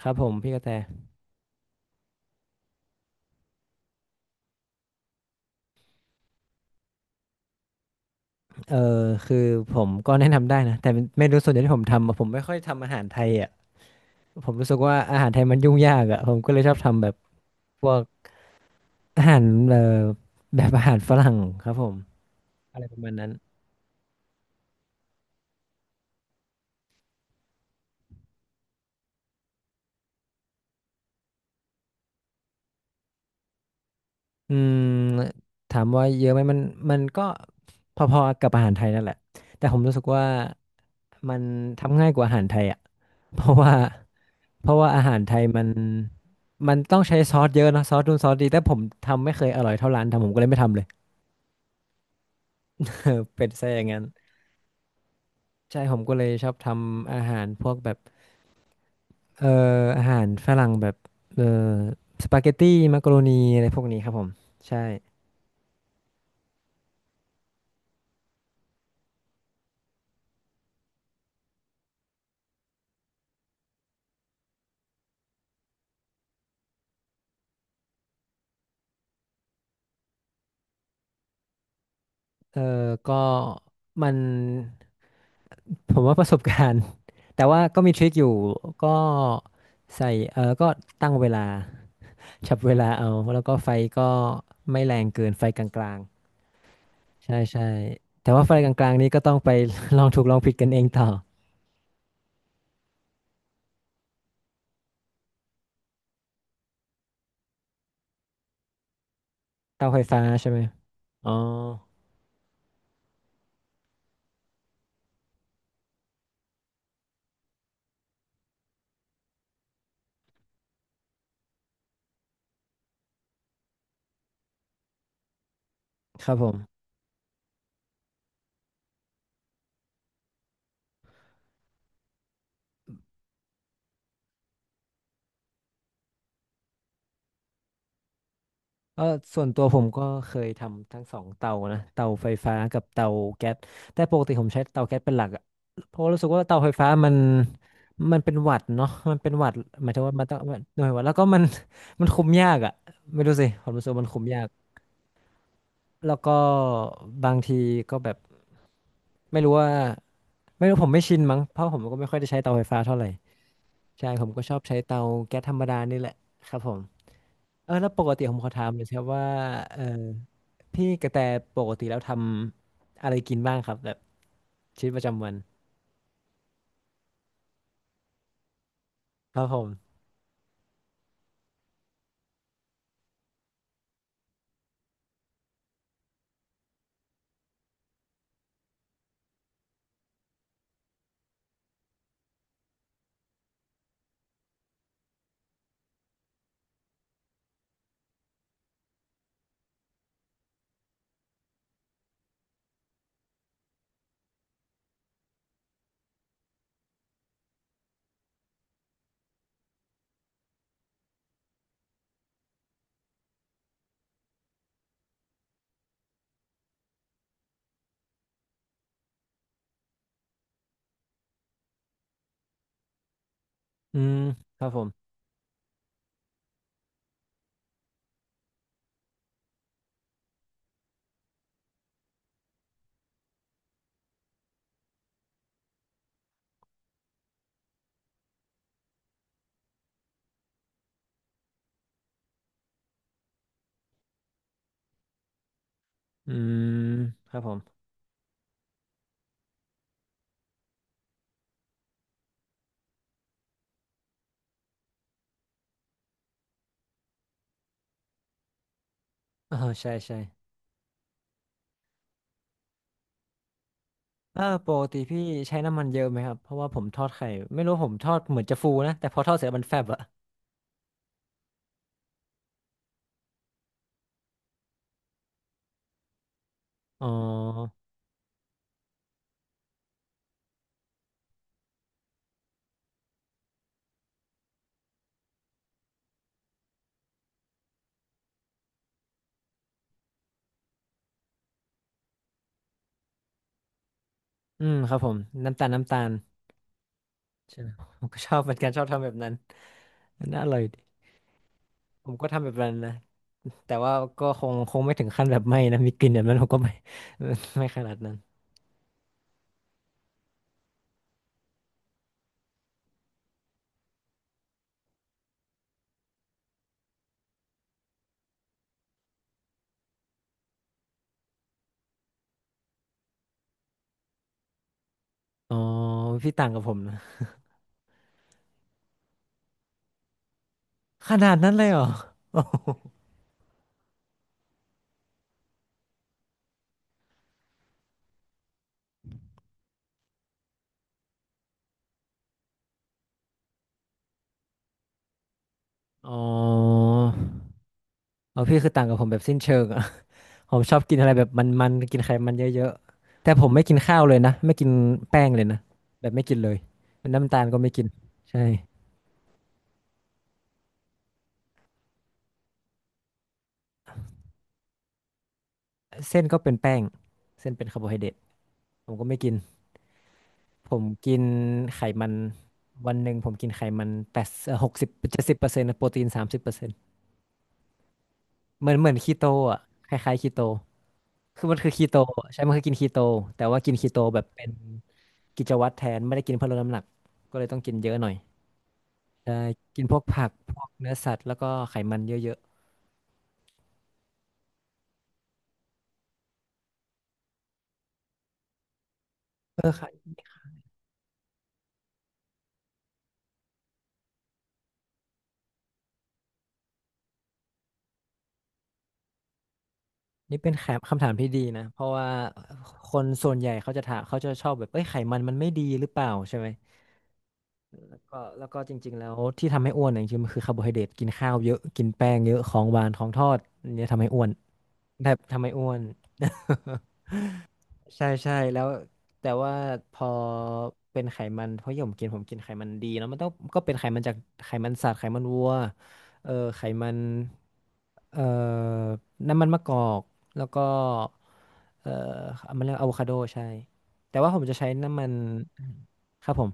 ครับผมพี่กระแตเออคือผมก็แนะนำได้นะแต่เมนูส่วนใหญ่ที่ผมทำอะผมไม่ค่อยทำอาหารไทยอ่ะผมรู้สึกว่าอาหารไทยมันยุ่งยากอ่ะผมก็เลยชอบทำแบบพวกอาหารแบบอาหารฝรั่งครับผมอะไรประมาณนั้นอืมถามว่าเยอะไหมมันก็พอๆกับอาหารไทยนั่นแหละแต่ผมรู้สึกว่ามันทำง่ายกว่าอาหารไทยอ่ะเพราะว่าเพราะว่าอาหารไทยมันต้องใช้ซอสเยอะเนอะซอสนู่นซอสดีแต่ผมทำไม่เคยอร่อยเท่าร้านทำผมก็เลยไม่ทำเลย เออเป็ดซะอย่างนั้นใช่ผมก็เลยชอบทำอาหารพวกแบบเอ่ออาหารฝรั่งแบบเอ่อสปาเกตตี้มักโรนีอะไรพวกนี้ครับผมใช่เออก็มันผมว่าประสบการณ์ แต่ว่าก็มีทริคอยู่ก็ใส่เออก็ตั้งเวลาจับเวลาเอาแล้วก็ไฟก็ไม่แรงเกินไฟกลางๆใช่ใช่แต่ว่าไฟกลางๆนี้ก็ต้องไป ลองถูกลองผิดกันเองต่อเตาไฟฟ้าใช่ไหมอ๋อครับผม ก็ส่วนตัวผมก็เคยทำทั้งสองเตานะเตาไฟฟ้ากับเตาแก๊สแต่ปกติผมใช้เตาแก๊สเป็นหลักอะเพราะว่ารู้สึกว่าเตาไฟฟ้ามันเป็นหวัดเนาะมันเป็นหวัดหมายถึงว่ามันต้องมันหน่วยหวัดแล้วก็มัน มันคุมยากอะไม่รู้สิผมรู้สึกว่ามันคุมยากแล้วก็บางทีก็แบบไม่รู้ว่าไม่รู้ผมไม่ชินมั้งเพราะผมก็ไม่ค่อยได้ใช้เตาไฟฟ้าเท่าไหร่ใช่ผมก็ชอบใช้เตาแก๊สธรรมดานี่แหละครับผม เออแล้วปกติผมขอถามหน่อยสิครับว่าเออพี่กระแตปกติแล้วทำอะไรกินบ้างครับแบบชีวิตประจำวันครับผมอืมครับผมอืมครับผมเออใช่ใช่เออปกติพี่ใช้น้ำมันเยอะไหมครับเพราะว่าผมทอดไข่ไม่รู้ผมทอดเหมือนจะฟูนะแต่พอทอดเสร็จมันแฟบอะอ๋ออืมครับผมน้ำตาลน้ำตาลใช่ไหมผมก็ชอบเหมือนกันชอบทำแบบนั้นมันน่าอร่อยดีผมก็ทำแบบนั้นนะแต่ว่าก็คงไม่ถึงขั้นแบบไหม้นะมีกลิ่นแบบนั้นผมก็ไม่ ไม่ขนาดนั้น อ๋อพี่ต่างกับผมนะขนาดนั้นเลยเหรอโอ้ โหอ๋อเอาพี่คือต่างกับผมแบบสิ้นเชิงอะ ผมชอบกินอะไรแบบมันๆกินไขมันเยอะๆแต่ผมไม่กินข้าวเลยนะไม่กินแป้งเลยนะแบบไม่กินเลยเปนน้ำตาลก็ไม่กินใช่เส้นก็เป็นแป้งเส้นเป็นคาร์โบไฮเดรตผมก็ไม่กินผมกินไขมันวันหนึ่งผมกินไขมันแปด60-70%โปรตีน30%เหมือนเหมือนคีโตอ่ะคล้ายๆคีโต คือมันคือคีโตใช่มันคือกินคีโตแต่ว่ากินคีโตแบบเป็นกิจวัตรแทนไม่ได้กินเพื่อลดน้ำหนักก็เลยต้องกินเยอะหน่อยใช่กินพวกผักพวกเนื้อสัตว์แล้วก็ไขมันเยอะๆเออค่ะนี่เป็นแคมคำถามที่ดีนะเพราะว่าคนส่วนใหญ่เขาจะถามเขาจะชอบแบบเอ้ยไขมันมันไม่ดีหรือเปล่าใช่ไหมแล้วก็จริงๆแล้วที่ทำให้อ้วนเนี่ยจริงๆมันคือคาร์โบไฮเดรตกินข้าวเยอะกินแป้งเยอะของหวานของทอดเนี่ยทำให้อ้วนแบบทำให้อ้วน ใช่ใช่แล้วแต่ว่าพอเป็นไขมันเพราะอย่างผมกินผมกินไขมันดีเนอะมันต้องก็เป็นไขมันจากไขมันสัตว์ไขมันวัวเออไขมันเอ่อน้ำมันมะกอกแล้วก็เอ่อมันเรียกอะโวคาโดใช่แต่ว่าผมจะใช้น้ำมันครับผม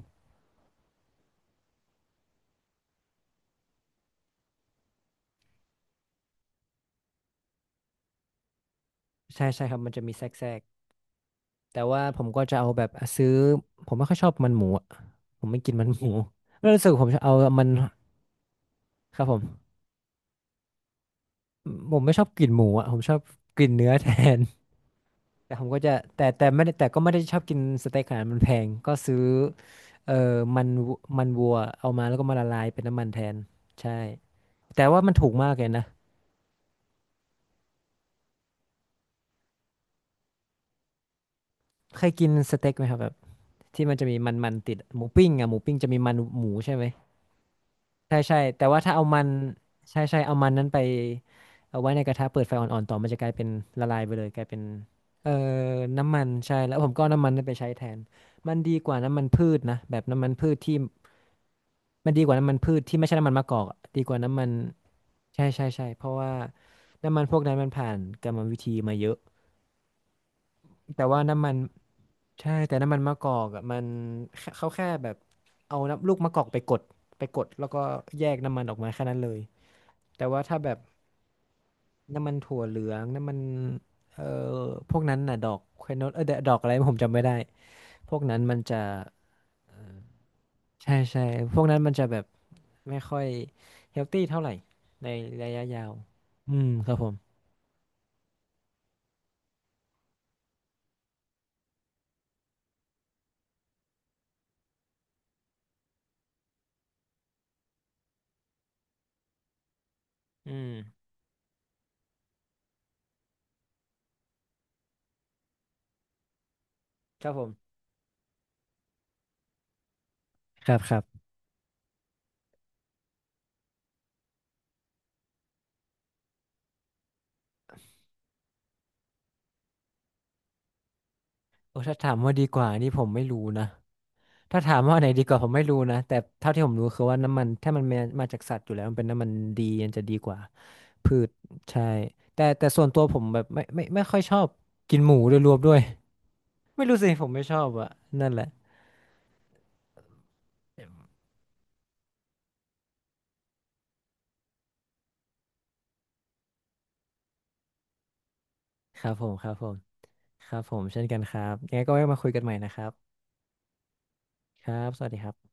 ใช่ใช่ครับมันจะมีแทรกแต่ว่าผมก็จะเอาแบบอ่ะซื้อผมไม่ค่อยชอบมันหมูอะผมไม่กินมันหมู แล้วรู้สึกผมจะเอามันครับผม ผมไม่ชอบกลิ่นหมูอ่ะผมชอบกลิ่นเนื้อแทน แต่ผมก็จะแต่แต่ไม่ได้แต่ก็ไม่ได้ชอบกินสเต็กขนาดนั้นมันแพงก็ซื้อมันวัวเอามาแล้วก็มาละลายเป็นน้ำมันแทนใช่แต่ว่ามันถูกมากเลยนะเคยกินสเต็กไหมครับแบบที่มันจะมีมันมันติดหมูปิ้งอ่ะหมูปิ้งจะมีมันหมูใช่ไหม ใช่ใช่แต่ว่าถ้าเอามันใช่ใช่เอามันนั้นไปเอาไว้ในกระทะเปิดไฟอ่อนๆต่อมันจะกลายเป็นละลายไปเลยกลายเป็นเอ่อน้ำมันใช่แล้วผมก็เอาน้ำมันนั้นไปใช้แทนมันดีกว่าน้ำมันพืชนะแบบน้ำมันพืชที่มันดีกว่าน้ำมันพืชที่ไม่ใช่น้ำมันมะกอกอะดีกว่าน้ำมันใช่ใช่ใช่เพราะว่าน้ำมันพวกนั้นมันผ่านกรรมวิธีมาเยอะแต่ว่าน้ำมันใช่แต่น้ำมันมะกอกอะมันเขาแค่แบบเอาน้ำลูกมะกอกไปกดแล้วก็แยกน้ำมันออกมาแค่นั้นเลย แต่ว่าถ้าแบบน้ำมันถั่วเหลืองน้ำมันเอ่อพวกนั้นน่ะดอกควโนดเออดอกอะไรผมจำไม่ได้พวกนั้นมันจะใช่ใช่พวกนั้นมันจะแบบไม่ค่อยเฮลตี้เท่าไหร่ในระยะยาวอืมครับผมอืมครับผมครับครับโอ้ถ้าถามว่าดีกว่านี่ผมไม่รู้นะถ้าถามว่าอันไหนดีกว่าผมไม่รู้นะแต่เท่าที่ผมรู้คือว่าน้ำมันถ้ามันมาจากสัตว์อยู่แล้วมันเป็นน้ำมันดีมันจะดีกว่า พืชใช่แต่แต่ส่วนตัวผมแบบไม่ค่อยชอบกินหมูโดยรวมด้วย ไม่รู้สิผมไม่ชอบอะนั่นแหละครับผมครับผมครับผมเช่นกันครับยังไงก็ไว้มาคุยกันใหม่นะครับครับสวัสดีครับ